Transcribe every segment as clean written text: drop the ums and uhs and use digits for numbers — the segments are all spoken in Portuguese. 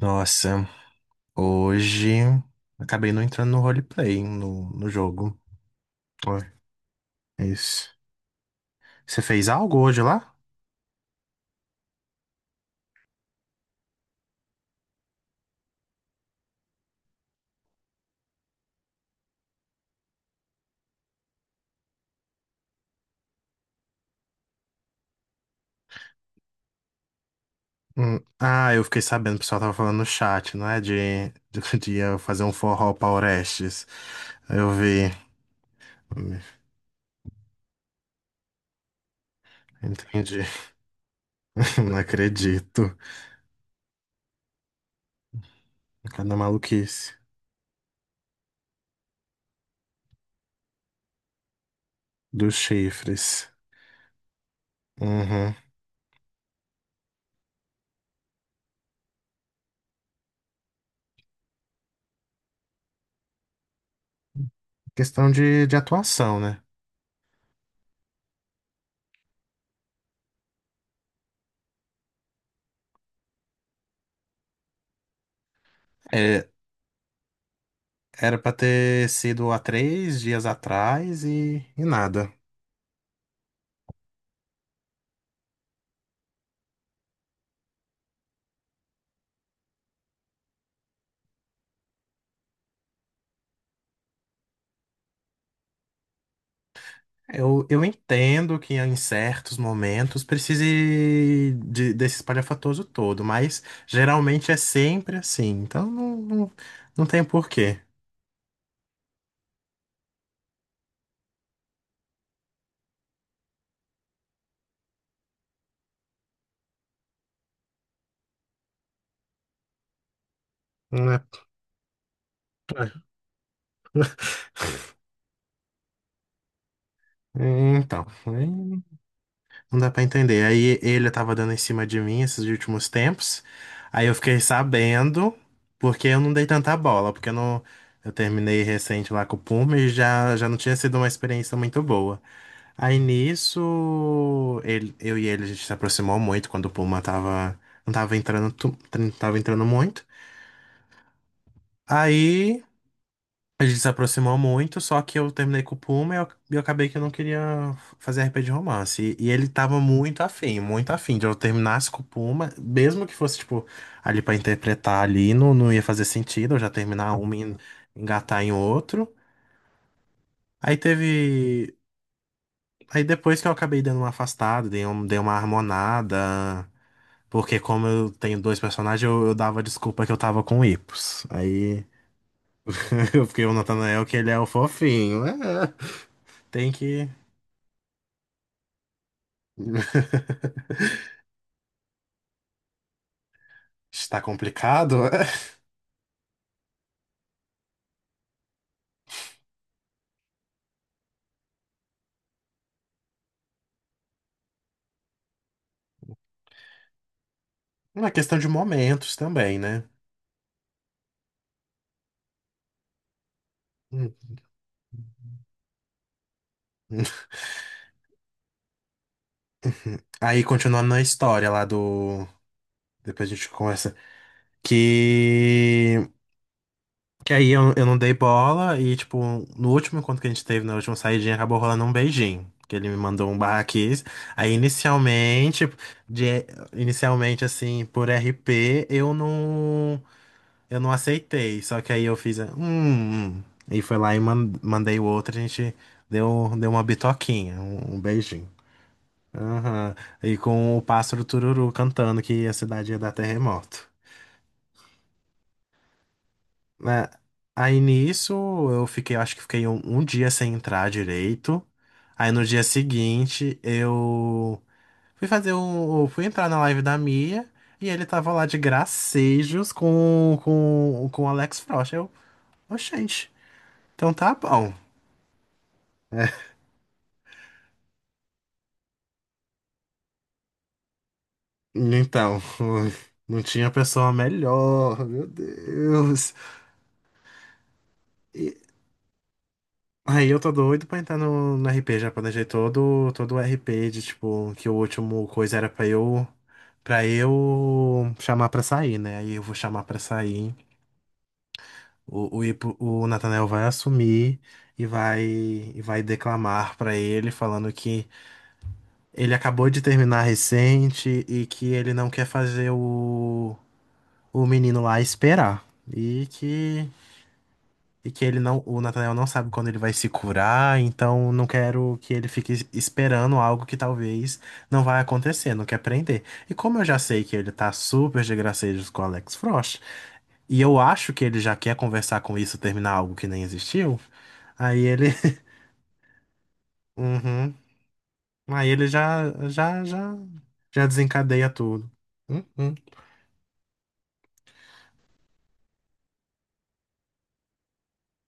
Nossa, hoje acabei não entrando no roleplay, hein, no jogo. Ué, é isso. Você fez algo hoje lá? Ah, eu fiquei sabendo, o pessoal tava falando no chat, não é? De, de eu fazer um forró pra Orestes. Aí eu vi. Entendi. Não acredito. Cada maluquice dos chifres. Uhum. Questão de atuação, né? É, era pra ter sido há 3 dias atrás e nada. Eu entendo que em certos momentos precise desse espalhafatoso todo, mas geralmente é sempre assim, então não, não, não tem porquê. Não é- é, Então, aí não dá pra entender. Aí ele tava dando em cima de mim esses últimos tempos. Aí eu fiquei sabendo, porque eu não dei tanta bola, porque eu não eu terminei recente lá com o Puma e já não tinha sido uma experiência muito boa. Aí nisso, eu e ele a gente se aproximou muito quando o Puma tava, não tava entrando, não tava entrando muito. Aí a gente se aproximou muito, só que eu terminei com o Puma e eu acabei que eu não queria fazer RP de romance. E ele tava muito afim de eu terminasse com o Puma, mesmo que fosse, tipo, ali pra interpretar ali, não, não ia fazer sentido eu já terminar um e engatar em outro. Aí teve. Aí depois que eu acabei dando uma afastada, dei uma harmonada. Porque como eu tenho dois personagens, eu dava desculpa que eu tava com hipos. Aí eu fiquei o Nathanael que ele é o fofinho. É, tem que. Está complicado. É uma questão de momentos também, né? Hum. Aí continuando na história lá do. Depois a gente conversa. Que Que aí eu não dei bola e, tipo, no último encontro que a gente teve, na última saidinha, acabou rolando um beijinho. Que ele me mandou um barraquês. Aí, de, inicialmente, assim, por RP, eu não aceitei. Só que aí eu fiz, hum. E foi lá e mandei o outro, a gente deu uma bitoquinha, um beijinho. Aham. E com o pássaro Tururu cantando que a cidade ia dar terremoto, né? Aí nisso eu fiquei, acho que fiquei um dia sem entrar direito. Aí no dia seguinte eu fui entrar na live da Mia e ele tava lá de gracejos com o Alex Frost. Eu, "Ô, gente, então tá bom." Então, não tinha pessoa melhor, meu Deus. Aí eu tô doido pra entrar no RP, já planejei todo, todo o RP de tipo, que o último coisa era pra eu para eu chamar pra sair, né? Aí eu vou chamar pra sair. O Nathanael vai assumir e vai declamar pra ele falando que ele acabou de terminar recente e que ele não quer fazer o menino lá esperar. E que E que ele não, o Nathaniel não sabe quando ele vai se curar, então não quero que ele fique esperando algo que talvez não vai acontecer, não quer prender. E como eu já sei que ele tá super de gracejos com o Alex Frost, e eu acho que ele já quer conversar com isso, terminar algo que nem existiu, aí ele, uhum, aí ele já desencadeia tudo. Uhum.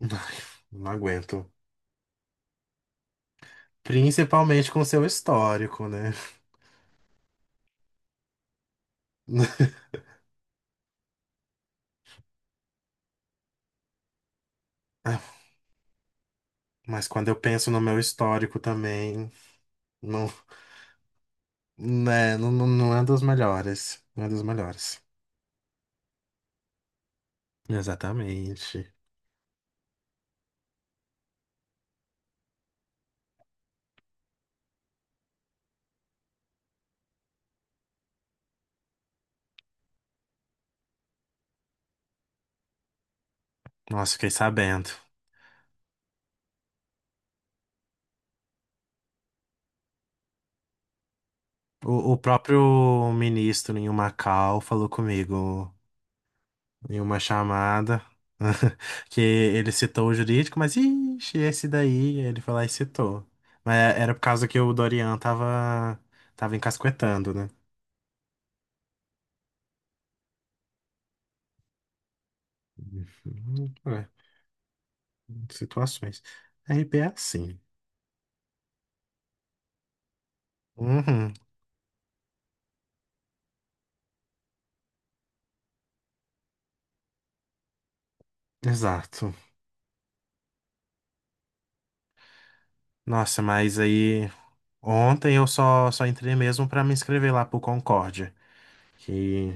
Não aguento. Principalmente com seu histórico, né? Mas quando eu penso no meu histórico também. Não, né, não, não não é dos melhores. Não é dos melhores. Exatamente. Nossa, fiquei sabendo. O próprio ministro em Macau falou comigo em uma chamada que ele citou o jurídico, mas ixi, esse daí ele foi lá e citou. Mas é, era por causa que o Dorian tava, encasquetando, né? Uhum, é, situações. RP é assim. Uhum, exato. Nossa, mas aí. Ontem eu só entrei mesmo para me inscrever lá pro Concórdia. Que.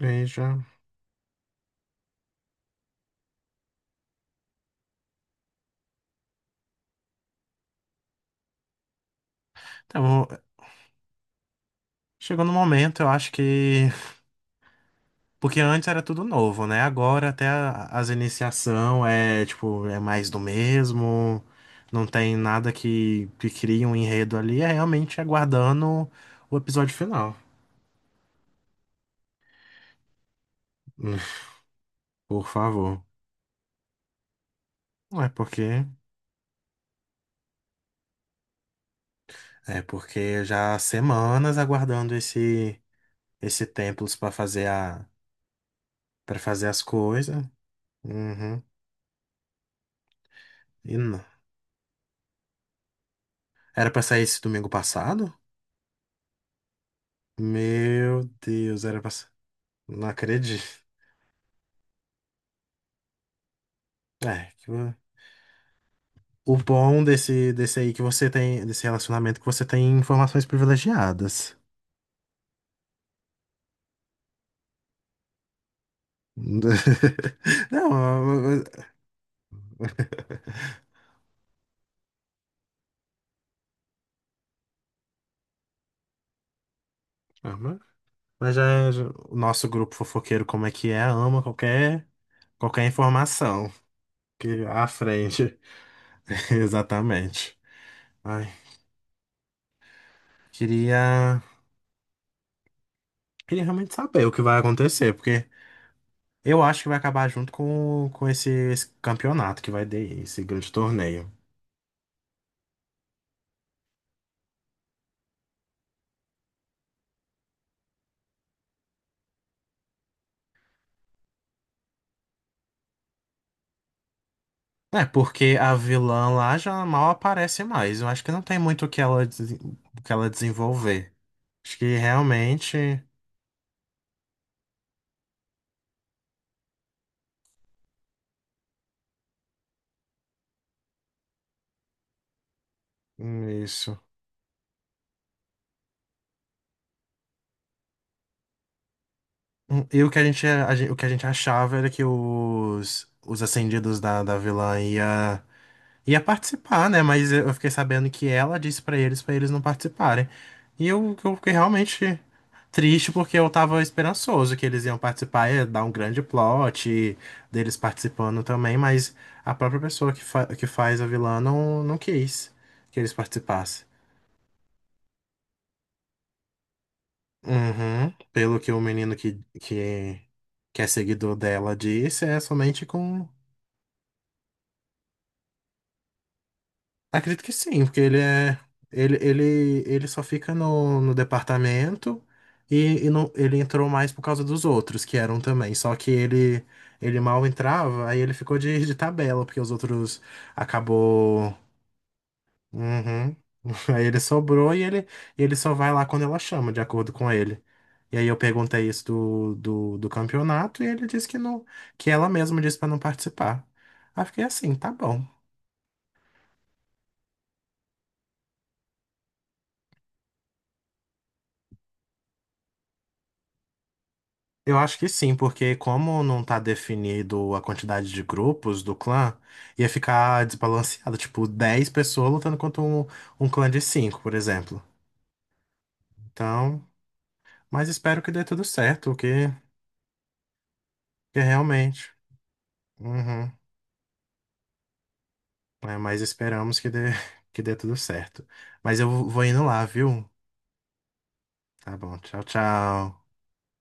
Veja. Então, chegou no momento, eu acho que. Porque antes era tudo novo, né? Agora até as iniciação é, tipo, é mais do mesmo. Não tem nada que crie um enredo ali. É realmente aguardando o episódio final. Hum, Por favor. Não é porque. É porque já há semanas aguardando esse templos para fazer as coisas. Uhum. E não. Era pra sair esse domingo passado? Meu Deus, Não acredito. É, que o bom desse aí que você tem, desse relacionamento, é que você tem informações privilegiadas. Não, Ah, mas- mas já o nosso grupo fofoqueiro, como é que é, ama qualquer informação que à frente. Exatamente. Ai, queria, queria realmente saber o que vai acontecer, porque eu acho que vai acabar junto com esse campeonato que vai ter, esse grande torneio. É, porque a vilã lá já mal aparece mais. Eu acho que não tem muito o que ela, o que ela desenvolver. Acho que realmente. Isso. E o que a gente, a gen- o que a gente achava era que os ascendidos da vilã ia. Participar, né? Mas eu fiquei sabendo que ela disse pra eles não participarem. E eu fiquei realmente triste porque eu tava esperançoso que eles iam participar, ia dar um grande plot e deles participando também, mas a própria pessoa que faz a vilã não, não quis que eles participassem. Uhum. Pelo que o menino que é seguidor dela disse, é somente com. Acredito que sim, porque ele é. Ele só fica no departamento e não, ele entrou mais por causa dos outros que eram também. Só que ele mal entrava, aí ele ficou de tabela, porque os outros acabou. Uhum. Aí ele sobrou e ele só vai lá quando ela chama, de acordo com ele. E aí eu perguntei isso do campeonato e ele disse que não, que ela mesma disse pra não participar. Aí eu fiquei assim, tá bom. Eu acho que sim, porque como não tá definido a quantidade de grupos do clã, ia ficar desbalanceado, tipo, 10 pessoas lutando contra um clã de 5, por exemplo. Então, mas espero que dê tudo certo, que realmente. Uhum. É, mas esperamos que dê, que dê tudo certo. Mas eu vou indo lá, viu? Tá bom, tchau, tchau.